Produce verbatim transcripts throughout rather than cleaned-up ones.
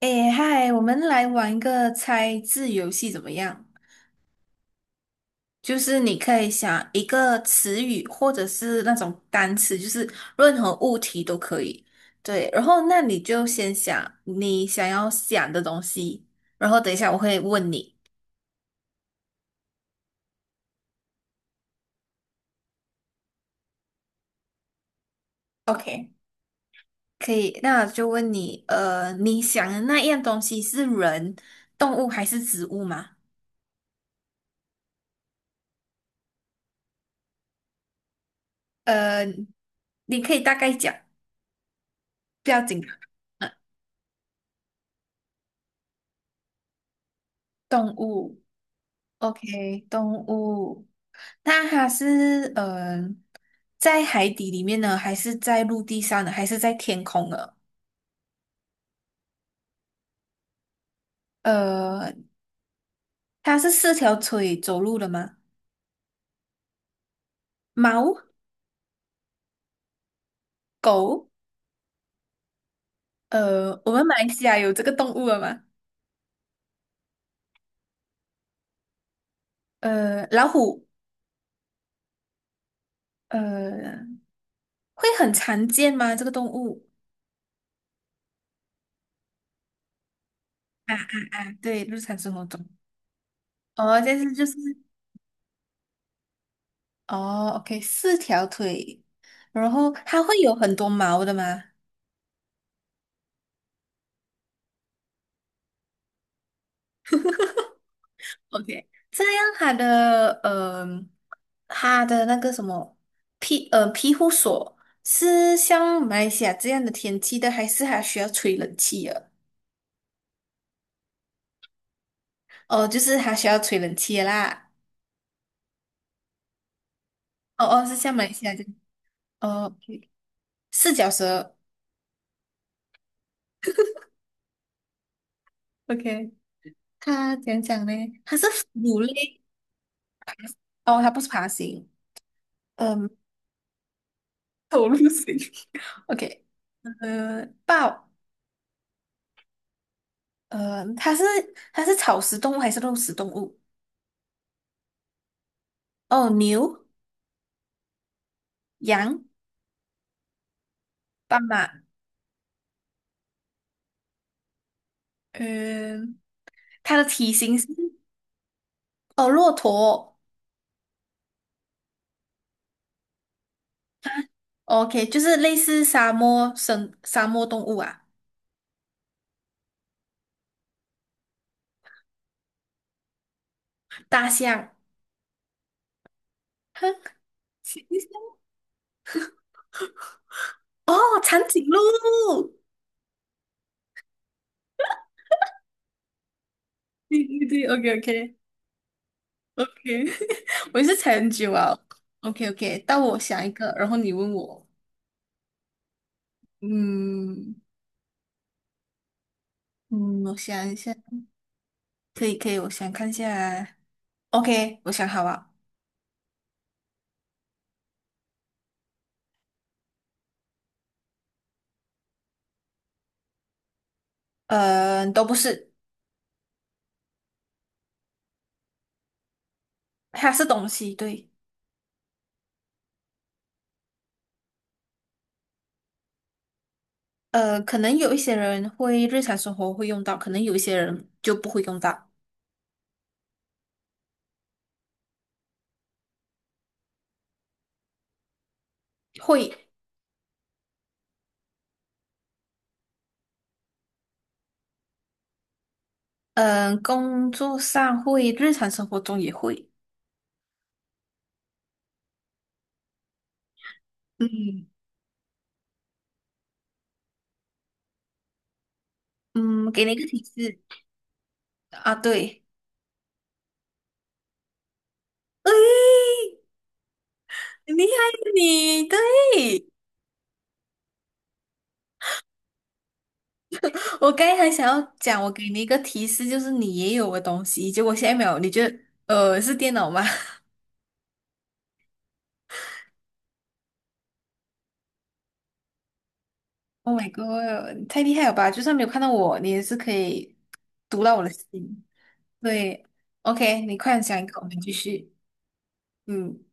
诶，嗨，我们来玩一个猜字游戏怎么样？就是你可以想一个词语或者是那种单词，就是任何物体都可以。对，然后那你就先想你想要想的东西，然后等一下我会问你。OK,可以，那我就问你，呃，你想的那样东西是人、动物还是植物吗？呃，你可以大概讲，不要紧，呃，动物。OK,动物。那它是呃，在海底里面呢，还是在陆地上呢，还是在天空呢？呃，它是四条腿走路的吗？猫、狗，呃，我们马来西亚有这个动物了吗？呃，老虎，呃，会很常见吗？这个动物？啊啊啊！对，日常生活中。哦，但是就是哦，OK,四条腿，然后它会有很多毛的吗？OK,这样它的呃，它的那个什么庇呃庇护所是像马来西亚这样的天气的，还是它需要吹冷气的？哦，就是它需要吹冷气的啦。哦哦，是像马来西亚这样。哦，OK,四脚蛇。OK,它怎样讲呢？它是哺乳类哦，它不是爬行，嗯，走路型。OK,呃，豹，呃，它是它是草食动物还是肉食动物？哦，牛。羊、斑马，嗯，它的体型是哦，骆驼，OK,就是类似沙漠生沙漠动物啊，大象，哼，行行哦，长颈鹿 对对对，OK OK OK,我也是猜很久啊，OK OK,到我想一个，然后你问我，嗯嗯，我想一下，可以可以，我想看一下啊，OK,我想好了，嗯，都不是，它是东西，对。呃，可能有一些人会日常生活会用到，可能有一些人就不会用到，会，嗯、工作上会，日常生活中也会。嗯，嗯，给你一个提示啊，对，很厉害你，对，我刚才还想要讲，我给你一个提示，就是你也有的东西，结果现在没有，你觉得呃是电脑吗 ？Oh my god,你太厉害了吧！就算没有看到我，你也是可以读到我的心。对，OK,你快点想一个，我们继续。嗯，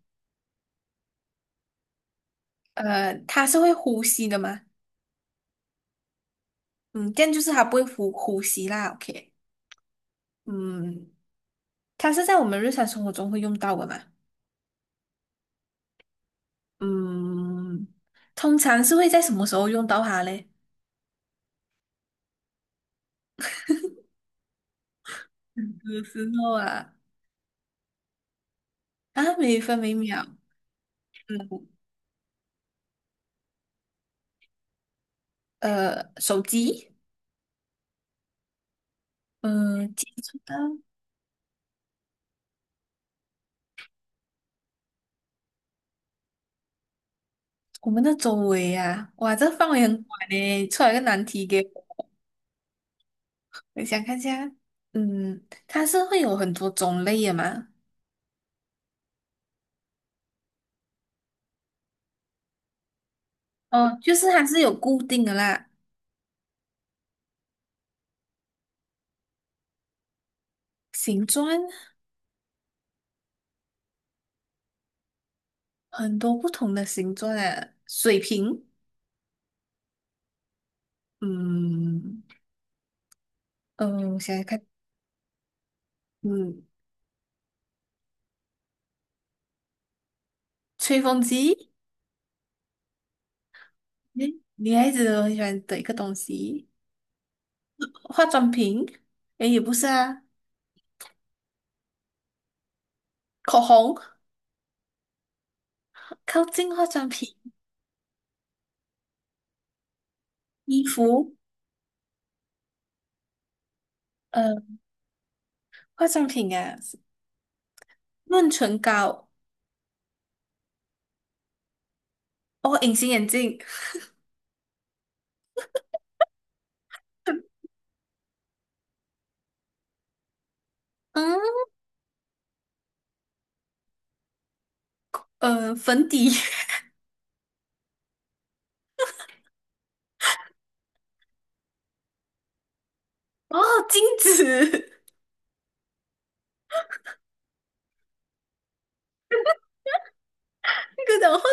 呃，它是会呼吸的吗？嗯，这样就是它不会呼呼吸啦。OK,嗯，它是在我们日常生活中会用到的嘛？嗯，通常是会在什么时候用到它嘞？嗯有时候啊，啊，每分每秒，呃，手机，嗯、接触到我们的周围啊，哇，这范围很广嘞，出来个难题给我，我想看一下，嗯，它是会有很多种类的嘛？哦，就是它是有固定的啦。形状很多不同的形状啊，水瓶，嗯嗯，我想想看，嗯，吹风机，诶女孩子都很喜欢的一个东西，化妆品，诶，也不是啊，口红，靠近化妆品，衣服，呃，化妆品啊，润唇膏，哦，隐形眼镜，嗯，呃，粉底，哦，镜子，那个讲话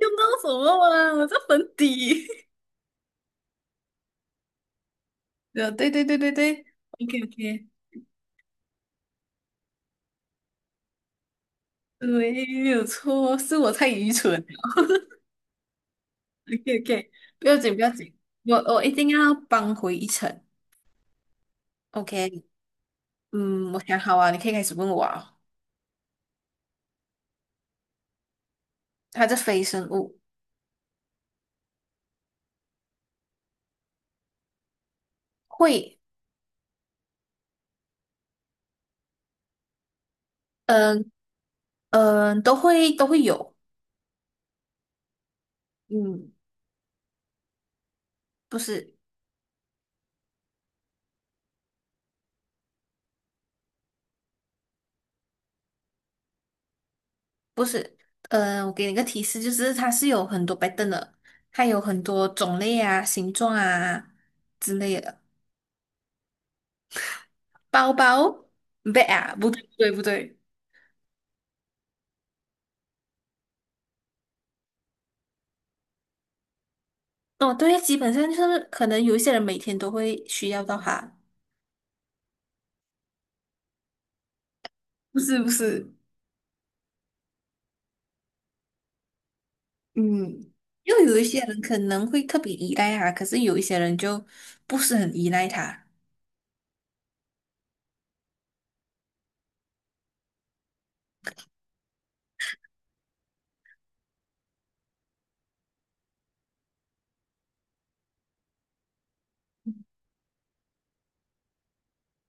用到什么啊？我这粉底，呃，对对对对对。OK OK,没有错，是我太愚蠢。OK OK,不要紧不要紧，我我一定要扳回一城。OK,嗯，我想好啊，你可以开始问我啊。它是非生物，会，嗯嗯，都会都会有，嗯，不是不是，嗯，我给你个提示，就是它是有很多白灯的，它有很多种类啊、形状啊之类的。包包，不对啊，不对不对不对，哦，对，基本上就是可能有一些人每天都会需要到它，不是不是，嗯，又有一些人可能会特别依赖它，可是有一些人就不是很依赖它。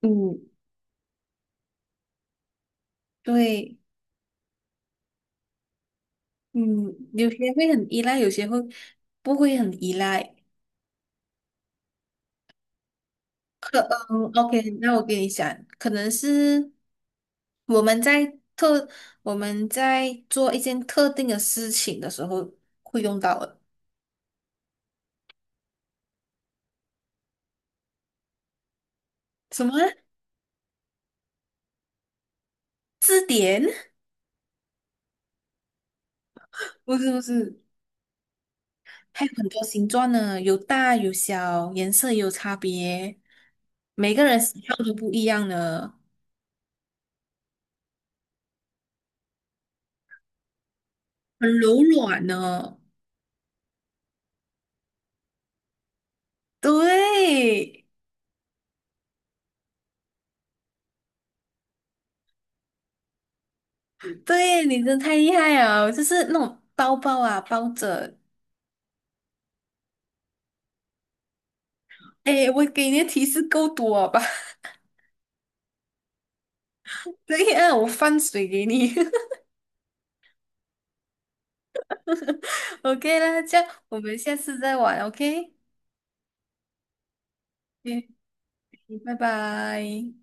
嗯对，嗯有些会很依赖，有些会不会很依赖。嗯，OK,那我跟你讲，可能是我们在特我们在做一件特定的事情的时候会用到的。什么啊字典？不是不是，还有很多形状呢，有大有小，颜色也有差别，每个人喜好都不一样呢，很柔软呢。对，对，你真的太厉害了，就是那种包包啊，包着。哎，我给你的提示够多吧？对呀，我放水给你。OK 啦，这样我们下次再玩。OK,嗯，拜拜。